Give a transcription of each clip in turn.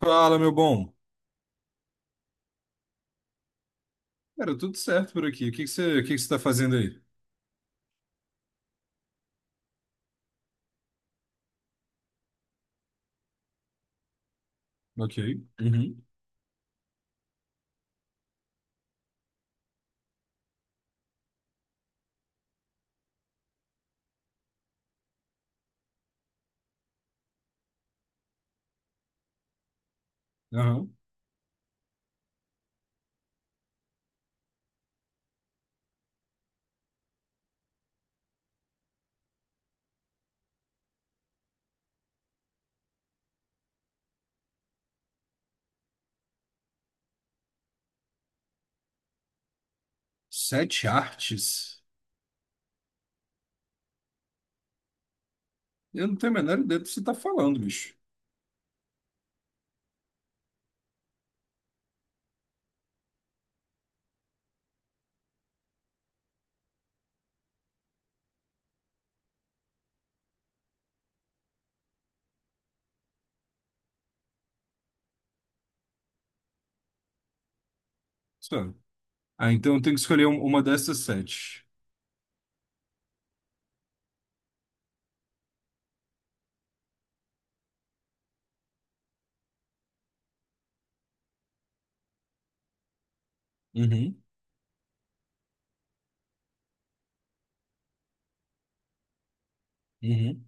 Fala, meu bom. Cara, tudo certo por aqui. O que que você, o que que você tá fazendo aí? Ok. Uhum. Aham. Sete artes? Eu não tenho a menor ideia do que você tá falando, bicho. Sério. Ah, então eu tenho que escolher uma dessas sete. Uhum. Uhum.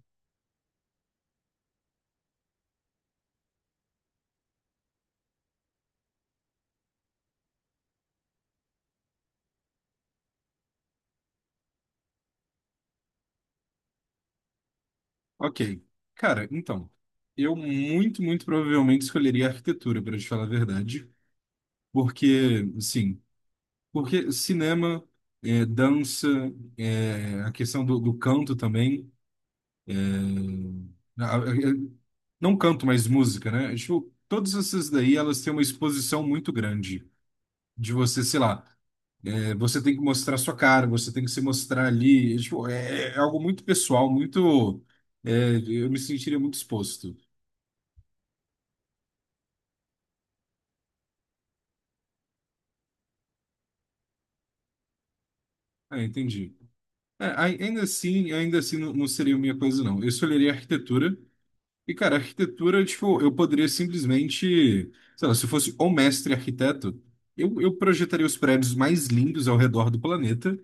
Ok. Cara, então, eu muito, muito provavelmente escolheria arquitetura, para te falar a verdade. Porque, sim, porque cinema, é, dança, é, a questão do canto também. Ah, não canto mais música, né? Tipo, todas essas daí, elas têm uma exposição muito grande. De você, sei lá, você tem que mostrar sua cara, você tem que se mostrar ali. Tipo, é algo muito pessoal, muito. Eu me sentiria muito exposto. Ah, entendi. É, ainda assim não, não seria minha coisa, não. Eu escolheria arquitetura. E, cara, arquitetura, tipo, eu poderia simplesmente, sei lá, se eu fosse o mestre arquiteto, eu projetaria os prédios mais lindos ao redor do planeta.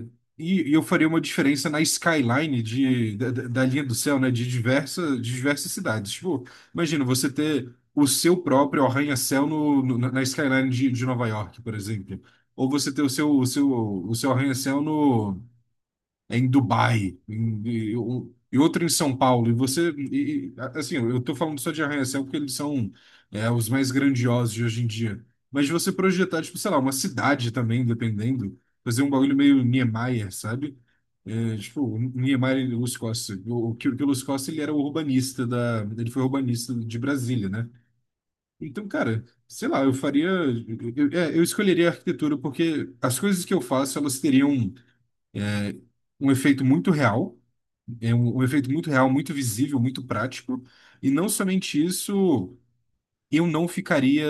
E e eu faria uma diferença na skyline da linha do céu, né? De diversa, de diversas cidades. Tipo, imagina você ter o seu próprio arranha-céu na skyline de Nova York, por exemplo. Ou você ter o seu arranha-céu no, em Dubai, em, e, e outro em São Paulo. E você, assim, eu estou falando só de arranha-céu porque eles são os mais grandiosos de hoje em dia. Mas de você projetar, tipo, sei lá, uma cidade também, dependendo, fazer um bagulho meio Niemeyer, sabe? É, tipo, o Niemeyer e Lúcio Costa. Que o Lúcio Costa, ele era o urbanista da... Ele foi urbanista de Brasília, né? Então, cara, sei lá, eu faria... eu escolheria a arquitetura porque as coisas que eu faço, elas teriam um efeito muito real, é um efeito muito real, muito visível, muito prático. E não somente isso, eu não ficaria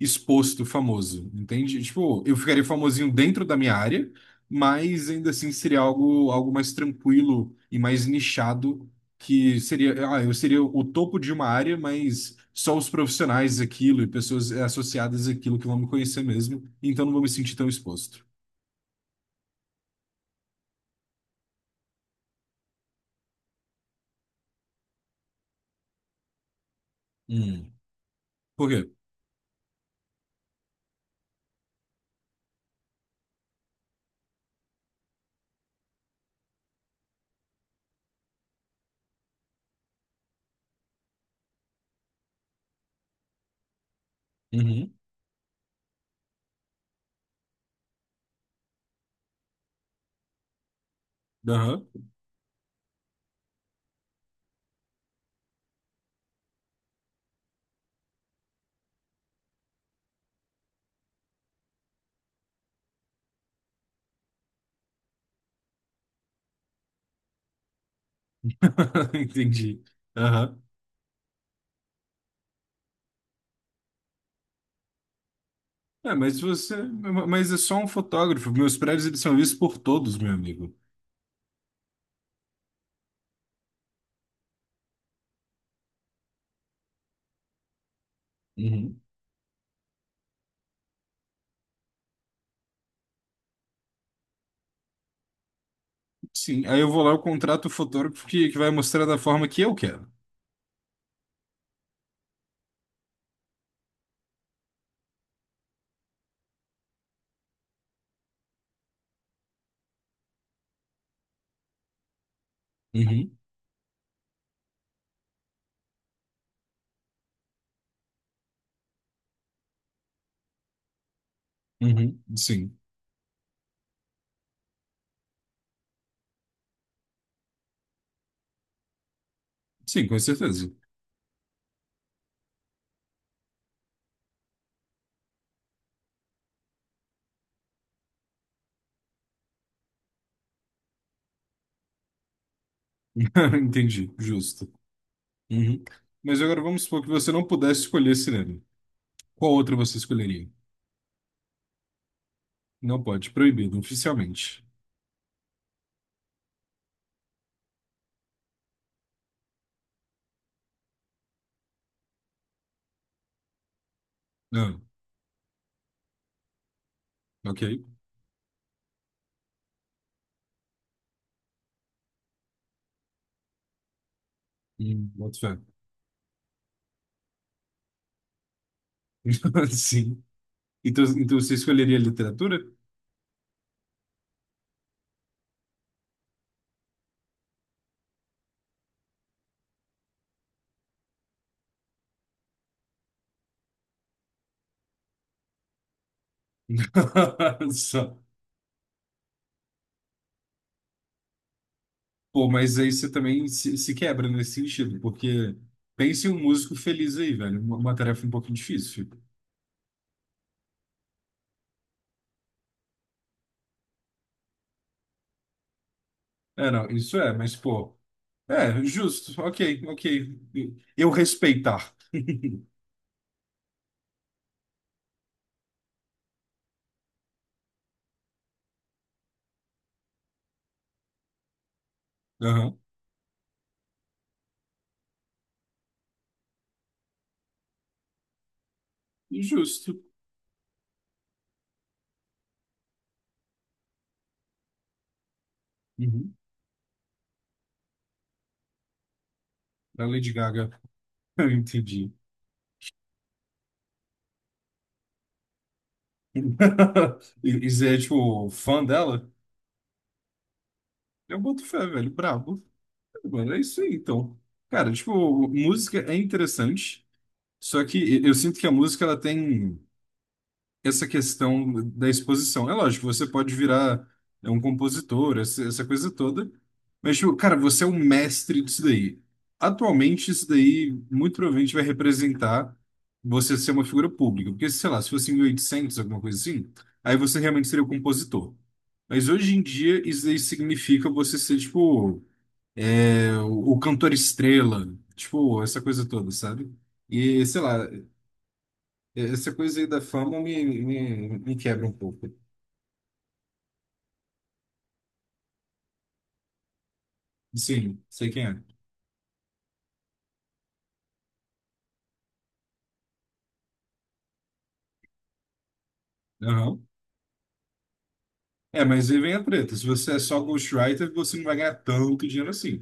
exposto famoso, entende? Tipo, eu ficaria famosinho dentro da minha área, mas ainda assim seria algo, algo mais tranquilo e mais nichado, que seria, ah, eu seria o topo de uma área, mas só os profissionais daquilo e pessoas associadas àquilo que vão me conhecer mesmo, então não vou me sentir tão exposto. Hum. Por quê? Uhum. Aham. Entendi. Aham. É, mas você, mas é só um fotógrafo. Meus prédios eles são vistos por todos, meu amigo. Uhum. Sim, aí eu vou lá, eu contrato o fotógrafo que vai mostrar da forma que eu quero. Uhum. Uhum. Sim, sim, com certeza. Entendi, justo. Uhum. Mas agora vamos supor que você não pudesse escolher cinema. Qual outra você escolheria? Não pode, proibido, oficialmente. Ah, ok. Hum. Boto fé. Sim. Então, então você escolheria literatura? Só. Pô, mas aí você também se quebra nesse sentido, porque pense em um músico feliz aí, velho. Uma tarefa um pouquinho difícil. É, não, isso é, mas pô, é, justo, ok, ok. Eu respeitar. Aham. Justo. Uhum. Da Lady Gaga. Eu entendi. E, e você é, tipo, fã dela? Eu boto fé, velho, brabo. Mano, é isso aí, então. Cara, tipo, música é interessante, só que eu sinto que a música, ela tem. Essa questão da exposição. É lógico, você pode virar, né, um compositor, essa coisa toda, mas, tipo, cara, você é um mestre disso daí. Atualmente, isso daí muito provavelmente vai representar você ser uma figura pública, porque, sei lá, se fosse em 1800 alguma coisa assim, aí você realmente seria o compositor. Mas hoje em dia, isso daí significa você ser, tipo, é, o cantor estrela, tipo, essa coisa toda, sabe? E, sei lá, essa coisa aí da fama me quebra um pouco. Sim, sei quem é. Aham. É, mas aí vem a treta. Se você é só ghostwriter, você não vai ganhar tanto dinheiro assim.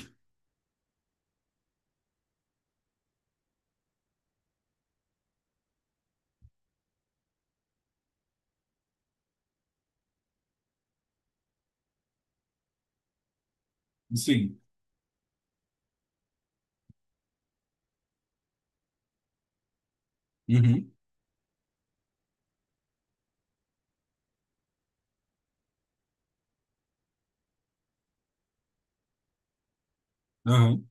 Sim. Uhum. Aham.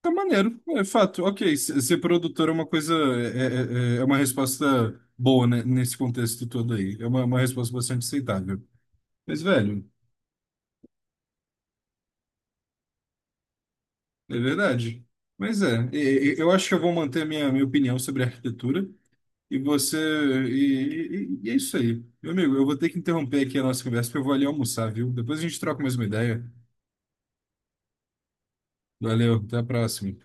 Tá maneiro. É fato. Ok, ser produtor é uma coisa. É uma resposta boa, né, nesse contexto todo aí. É uma resposta bastante aceitável. Mas, velho, é verdade. Mas é. Eu acho que eu vou manter a minha opinião sobre arquitetura. E você. E é isso aí. Meu amigo, eu vou ter que interromper aqui a nossa conversa, porque eu vou ali almoçar, viu? Depois a gente troca mais uma ideia. Valeu, até a próxima.